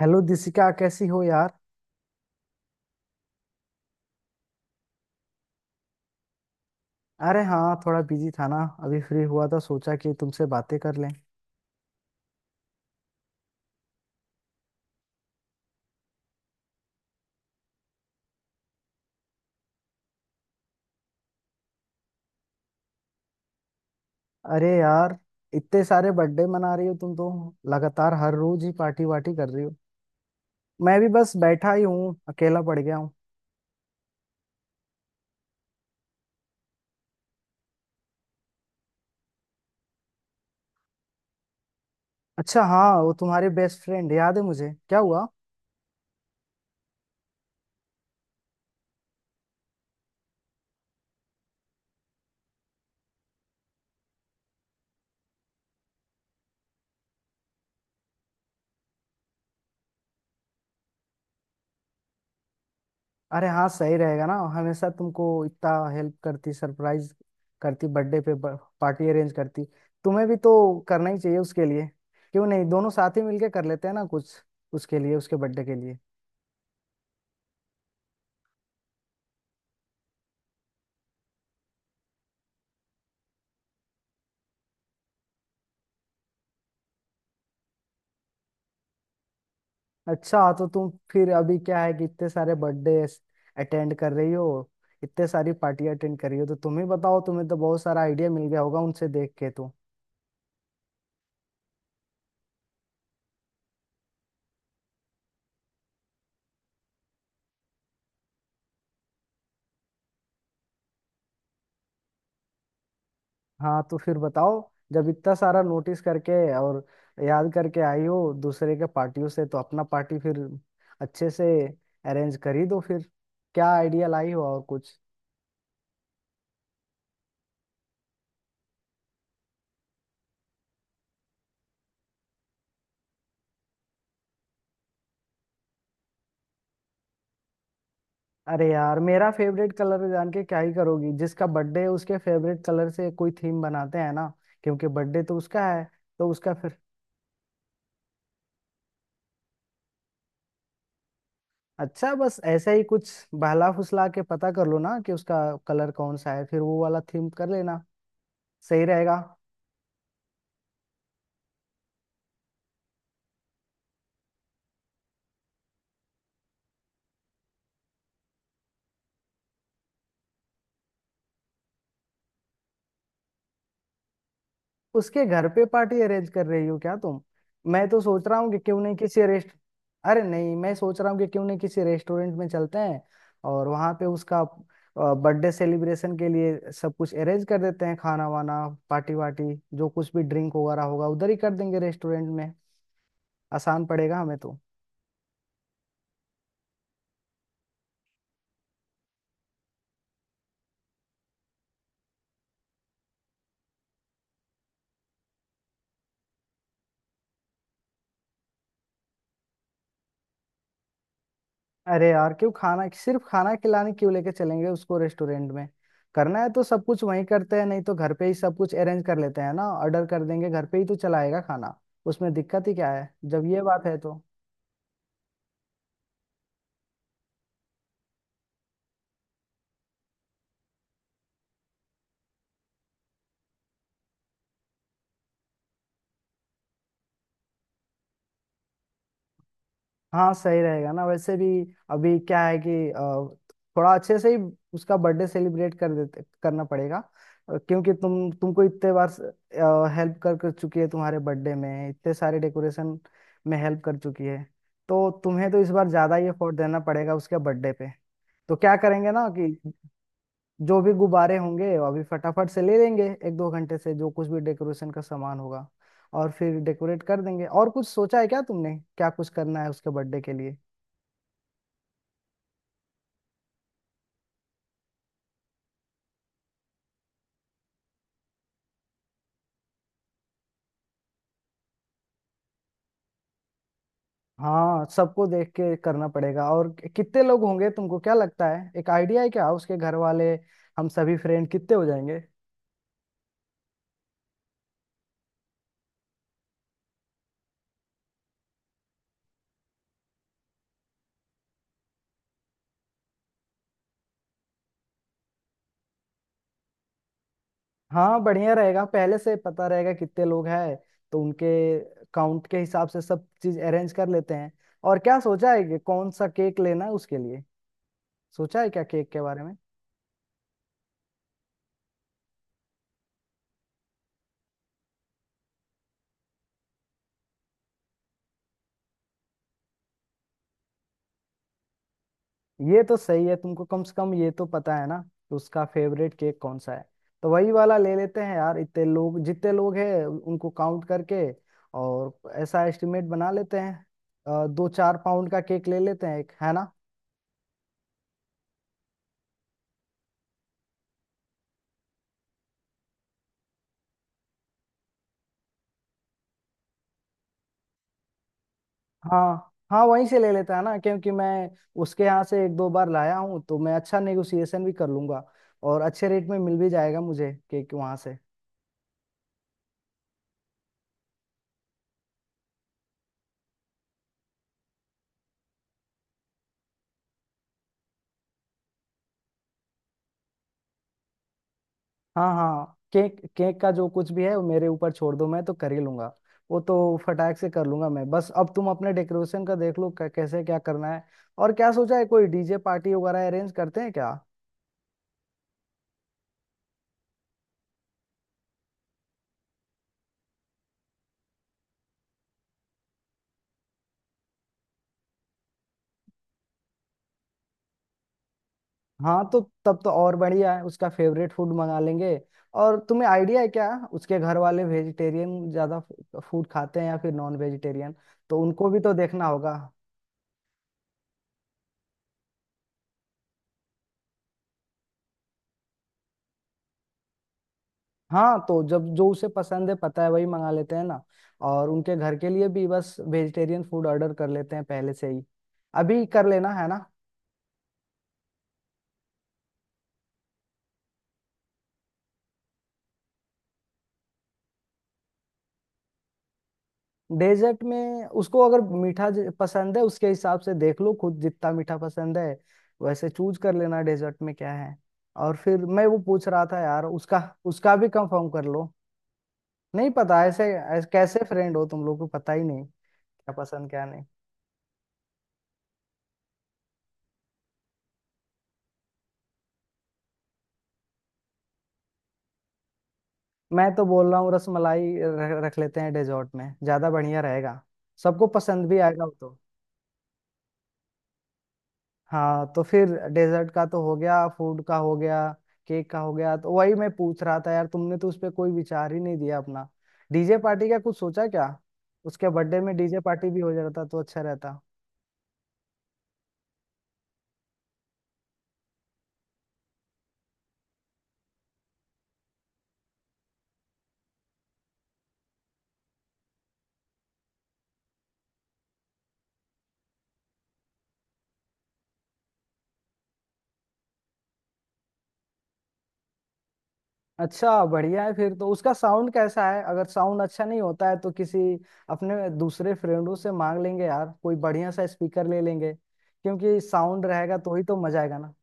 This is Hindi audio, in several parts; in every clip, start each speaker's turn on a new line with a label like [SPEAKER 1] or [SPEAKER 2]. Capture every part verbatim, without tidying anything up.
[SPEAKER 1] हेलो दिशिका, कैसी हो यार। अरे हाँ, थोड़ा बिजी था ना। अभी फ्री हुआ था, सोचा कि तुमसे बातें कर लें। अरे यार, इतने सारे बर्थडे मना रही हो तुम तो। लगातार हर रोज ही पार्टी वार्टी कर रही हो। मैं भी बस बैठा ही हूँ, अकेला पड़ गया हूँ। अच्छा हाँ, वो तुम्हारे बेस्ट फ्रेंड, याद है मुझे। क्या हुआ। अरे हाँ सही रहेगा ना, हमेशा तुमको इतना हेल्प करती, सरप्राइज करती बर्थडे पे, पार्टी अरेंज करती। तुम्हें भी तो करना ही चाहिए उसके लिए। क्यों नहीं दोनों साथ ही मिलके कर लेते हैं ना कुछ उसके लिए, उसके बर्थडे के लिए। अच्छा तो तुम फिर अभी क्या है कि इतने सारे बर्थडे अटेंड कर रही हो, इतने सारी पार्टी अटेंड कर रही हो, तो तुम ही बताओ, तुम्हें तो बहुत सारा आइडिया मिल गया होगा उनसे देख के तो। हाँ तो फिर बताओ, जब इतना सारा नोटिस करके और याद करके आई हो दूसरे के पार्टियों से, तो अपना पार्टी फिर अच्छे से अरेंज कर ही दो फिर। क्या आइडिया लाई हो और कुछ। अरे यार मेरा फेवरेट कलर जान के क्या ही करोगी, जिसका बर्थडे है उसके फेवरेट कलर से कोई थीम बनाते हैं ना, क्योंकि बर्थडे तो उसका है। तो उसका फिर अच्छा, बस ऐसा ही कुछ बहला फुसला के पता कर लो ना कि उसका कलर कौन सा है, फिर वो वाला थीम कर लेना, सही रहेगा। उसके घर पे पार्टी अरेंज कर रही हो क्या तुम। मैं तो सोच रहा हूँ कि क्यों नहीं किसी रेस्ट अरे नहीं, मैं सोच रहा हूँ कि क्यों नहीं किसी रेस्टोरेंट में चलते हैं, और वहां पे उसका बर्थडे सेलिब्रेशन के लिए सब कुछ अरेंज कर देते हैं, खाना वाना, पार्टी वार्टी, जो कुछ भी ड्रिंक वगैरह होगा उधर ही कर देंगे रेस्टोरेंट में, आसान पड़ेगा हमें तो। अरे यार क्यों खाना, सिर्फ खाना खिलाने क्यों लेके चलेंगे उसको रेस्टोरेंट में। करना है तो सब कुछ वहीं करते हैं, नहीं तो घर पे ही सब कुछ अरेंज कर लेते हैं ना, ऑर्डर कर देंगे घर पे ही तो, चलाएगा खाना। उसमें दिक्कत ही क्या है जब ये बात है तो। हाँ सही रहेगा ना, वैसे भी अभी क्या है कि, अ, थोड़ा अच्छे से ही उसका बर्थडे सेलिब्रेट कर देते, करना पड़ेगा। अ, क्योंकि तुम तुमको इतने बार हेल्प कर कर चुकी है तुम्हारे बर्थडे में, इतने सारे डेकोरेशन में हेल्प कर चुकी है, तो तुम्हें तो इस बार ज्यादा ही एफर्ट देना पड़ेगा उसके बर्थडे पे। तो क्या करेंगे ना कि जो भी गुब्बारे होंगे अभी फटाफट से ले लेंगे, एक दो घंटे से जो कुछ भी डेकोरेशन का सामान होगा, और फिर डेकोरेट कर देंगे। और कुछ सोचा है क्या तुमने, क्या कुछ करना है उसके बर्थडे के लिए। हाँ सबको देख के करना पड़ेगा, और कितने लोग होंगे तुमको क्या लगता है, एक आइडिया है क्या उसके घर वाले, हम सभी फ्रेंड कितने हो जाएंगे। हाँ बढ़िया रहेगा, पहले से पता रहेगा कितने लोग हैं, तो उनके काउंट के हिसाब से सब चीज अरेंज कर लेते हैं। और क्या सोचा है कि कौन सा केक लेना है उसके लिए, सोचा है क्या केक के बारे में। ये तो सही है, तुमको कम से कम ये तो पता है ना कि उसका फेवरेट केक कौन सा है, तो वही वाला ले लेते हैं यार, इतने लोग जितने लोग हैं उनको काउंट करके और ऐसा एस्टिमेट बना लेते हैं, अ, दो चार पाउंड का केक ले लेते हैं एक, है ना। हाँ हाँ वहीं से ले लेता है ना, क्योंकि मैं उसके यहाँ से एक दो बार लाया हूँ, तो मैं अच्छा नेगोशिएशन भी कर लूंगा और अच्छे रेट में मिल भी जाएगा मुझे केक वहां से। हाँ हाँ, केक केक का जो कुछ भी है वो मेरे ऊपर छोड़ दो, मैं तो कर ही लूंगा वो तो, फटाक से कर लूंगा मैं। बस अब तुम अपने डेकोरेशन का देख लो कै- कैसे क्या करना है। और क्या सोचा है, कोई डीजे पार्टी वगैरह अरेंज करते हैं क्या। हाँ तो तब तो और बढ़िया है, उसका फेवरेट फूड मंगा लेंगे। और तुम्हें आइडिया है क्या, उसके घर वाले वेजिटेरियन ज्यादा फूड खाते हैं या फिर नॉन वेजिटेरियन, तो उनको भी तो देखना होगा। हाँ तो जब जो उसे पसंद है पता है, वही मंगा लेते हैं ना, और उनके घर के लिए भी बस वेजिटेरियन फूड ऑर्डर कर लेते हैं पहले से ही, अभी कर लेना है ना। डेजर्ट में उसको अगर मीठा ज- पसंद है, उसके हिसाब से देख लो, खुद जितना मीठा पसंद है वैसे चूज कर लेना, डेजर्ट में क्या है। और फिर मैं वो पूछ रहा था यार उसका, उसका भी कंफर्म कर लो, नहीं पता। ऐसे, ऐसे कैसे फ्रेंड हो तुम लोग, को पता ही नहीं क्या पसंद क्या नहीं। मैं तो बोल रहा हूँ रसमलाई रख रख लेते हैं डेजर्ट में, ज्यादा बढ़िया रहेगा, सबको पसंद भी आएगा वो तो। हाँ तो फिर डेजर्ट का तो हो गया, फूड का हो गया, केक का हो गया, तो वही मैं पूछ रहा था यार, तुमने तो उस पर कोई विचार ही नहीं दिया अपना, डीजे पार्टी का कुछ सोचा क्या, उसके बर्थडे में डीजे पार्टी भी हो जाता तो अच्छा रहता। अच्छा बढ़िया है फिर तो, उसका साउंड कैसा है? अगर साउंड अच्छा नहीं होता है तो किसी अपने दूसरे फ्रेंडों से मांग लेंगे यार, कोई बढ़िया सा स्पीकर ले लेंगे, क्योंकि साउंड रहेगा तो ही तो मजा आएगा ना।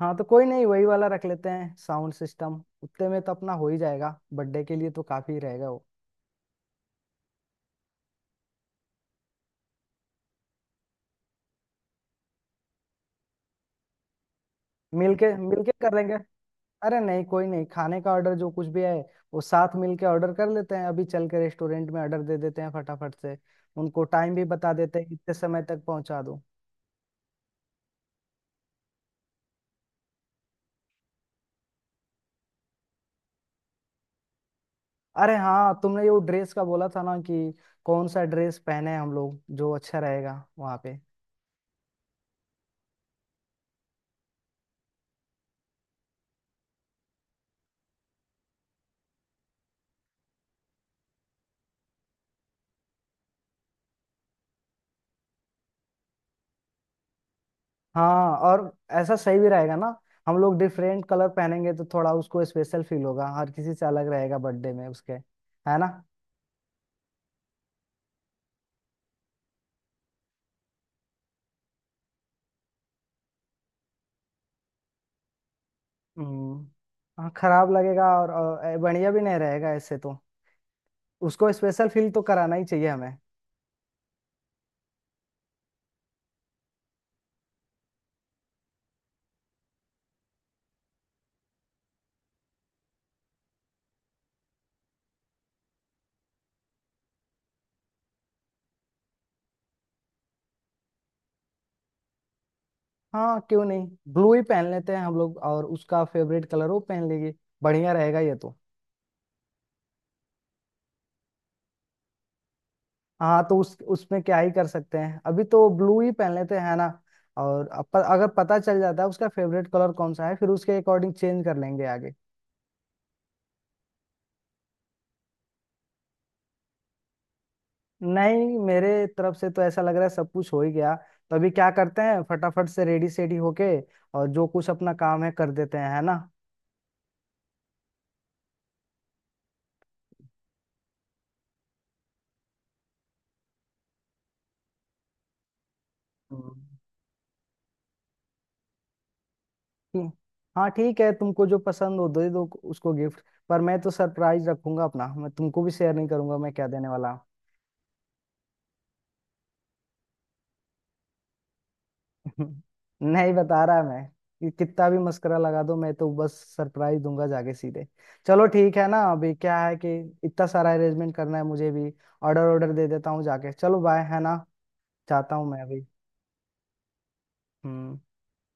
[SPEAKER 1] हाँ तो कोई नहीं, वही वाला रख लेते हैं साउंड सिस्टम, उतने में तो अपना हो ही जाएगा, बर्थडे के लिए तो काफी रहेगा वो। मिलके मिलके कर लेंगे। अरे नहीं कोई नहीं, खाने का ऑर्डर जो कुछ भी है वो साथ मिलके ऑर्डर कर लेते हैं, अभी चल के रेस्टोरेंट में ऑर्डर दे देते हैं फटाफट से, उनको टाइम भी बता देते हैं कितने समय तक पहुंचा दो। अरे हाँ, तुमने वो ड्रेस का बोला था ना कि कौन सा ड्रेस पहने हम लोग जो अच्छा रहेगा वहाँ पे। हाँ और ऐसा सही भी रहेगा ना, हम लोग डिफरेंट कलर पहनेंगे तो थोड़ा उसको स्पेशल फील होगा, हर किसी से अलग रहेगा बर्थडे में उसके, है ना। हम्म। हाँ खराब लगेगा, और, और ए, बढ़िया भी नहीं रहेगा ऐसे तो, उसको स्पेशल फील तो कराना ही चाहिए हमें। हाँ क्यों नहीं, ब्लू ही पहन लेते हैं हम लोग और उसका फेवरेट कलर वो पहन लेगी, बढ़िया रहेगा ये तो। हाँ तो उस उसमें क्या ही कर सकते हैं, अभी तो ब्लू ही पहन लेते हैं ना, और अब प- अगर पता चल जाता है उसका फेवरेट कलर कौन सा है, फिर उसके अकॉर्डिंग चेंज कर लेंगे आगे। नहीं मेरे तरफ से तो ऐसा लग रहा है सब कुछ हो ही गया, तो अभी क्या करते हैं फटाफट से रेडी सेडी होके और जो कुछ अपना काम है कर देते हैं, है ना। हम्म। ठीक- हाँ ठीक है, तुमको जो पसंद हो दे दो उसको गिफ्ट, पर मैं तो सरप्राइज रखूंगा अपना, मैं तुमको भी शेयर नहीं करूंगा मैं क्या देने वाला हूँ। नहीं बता रहा मैं, कि कितना भी मस्करा लगा दो मैं तो बस सरप्राइज दूंगा जाके सीधे। चलो ठीक है ना, अभी क्या है कि इतना सारा अरेंजमेंट करना है मुझे भी, ऑर्डर ऑर्डर दे देता हूँ जाके, चलो बाय, है ना, जाता हूँ मैं अभी। हम्म।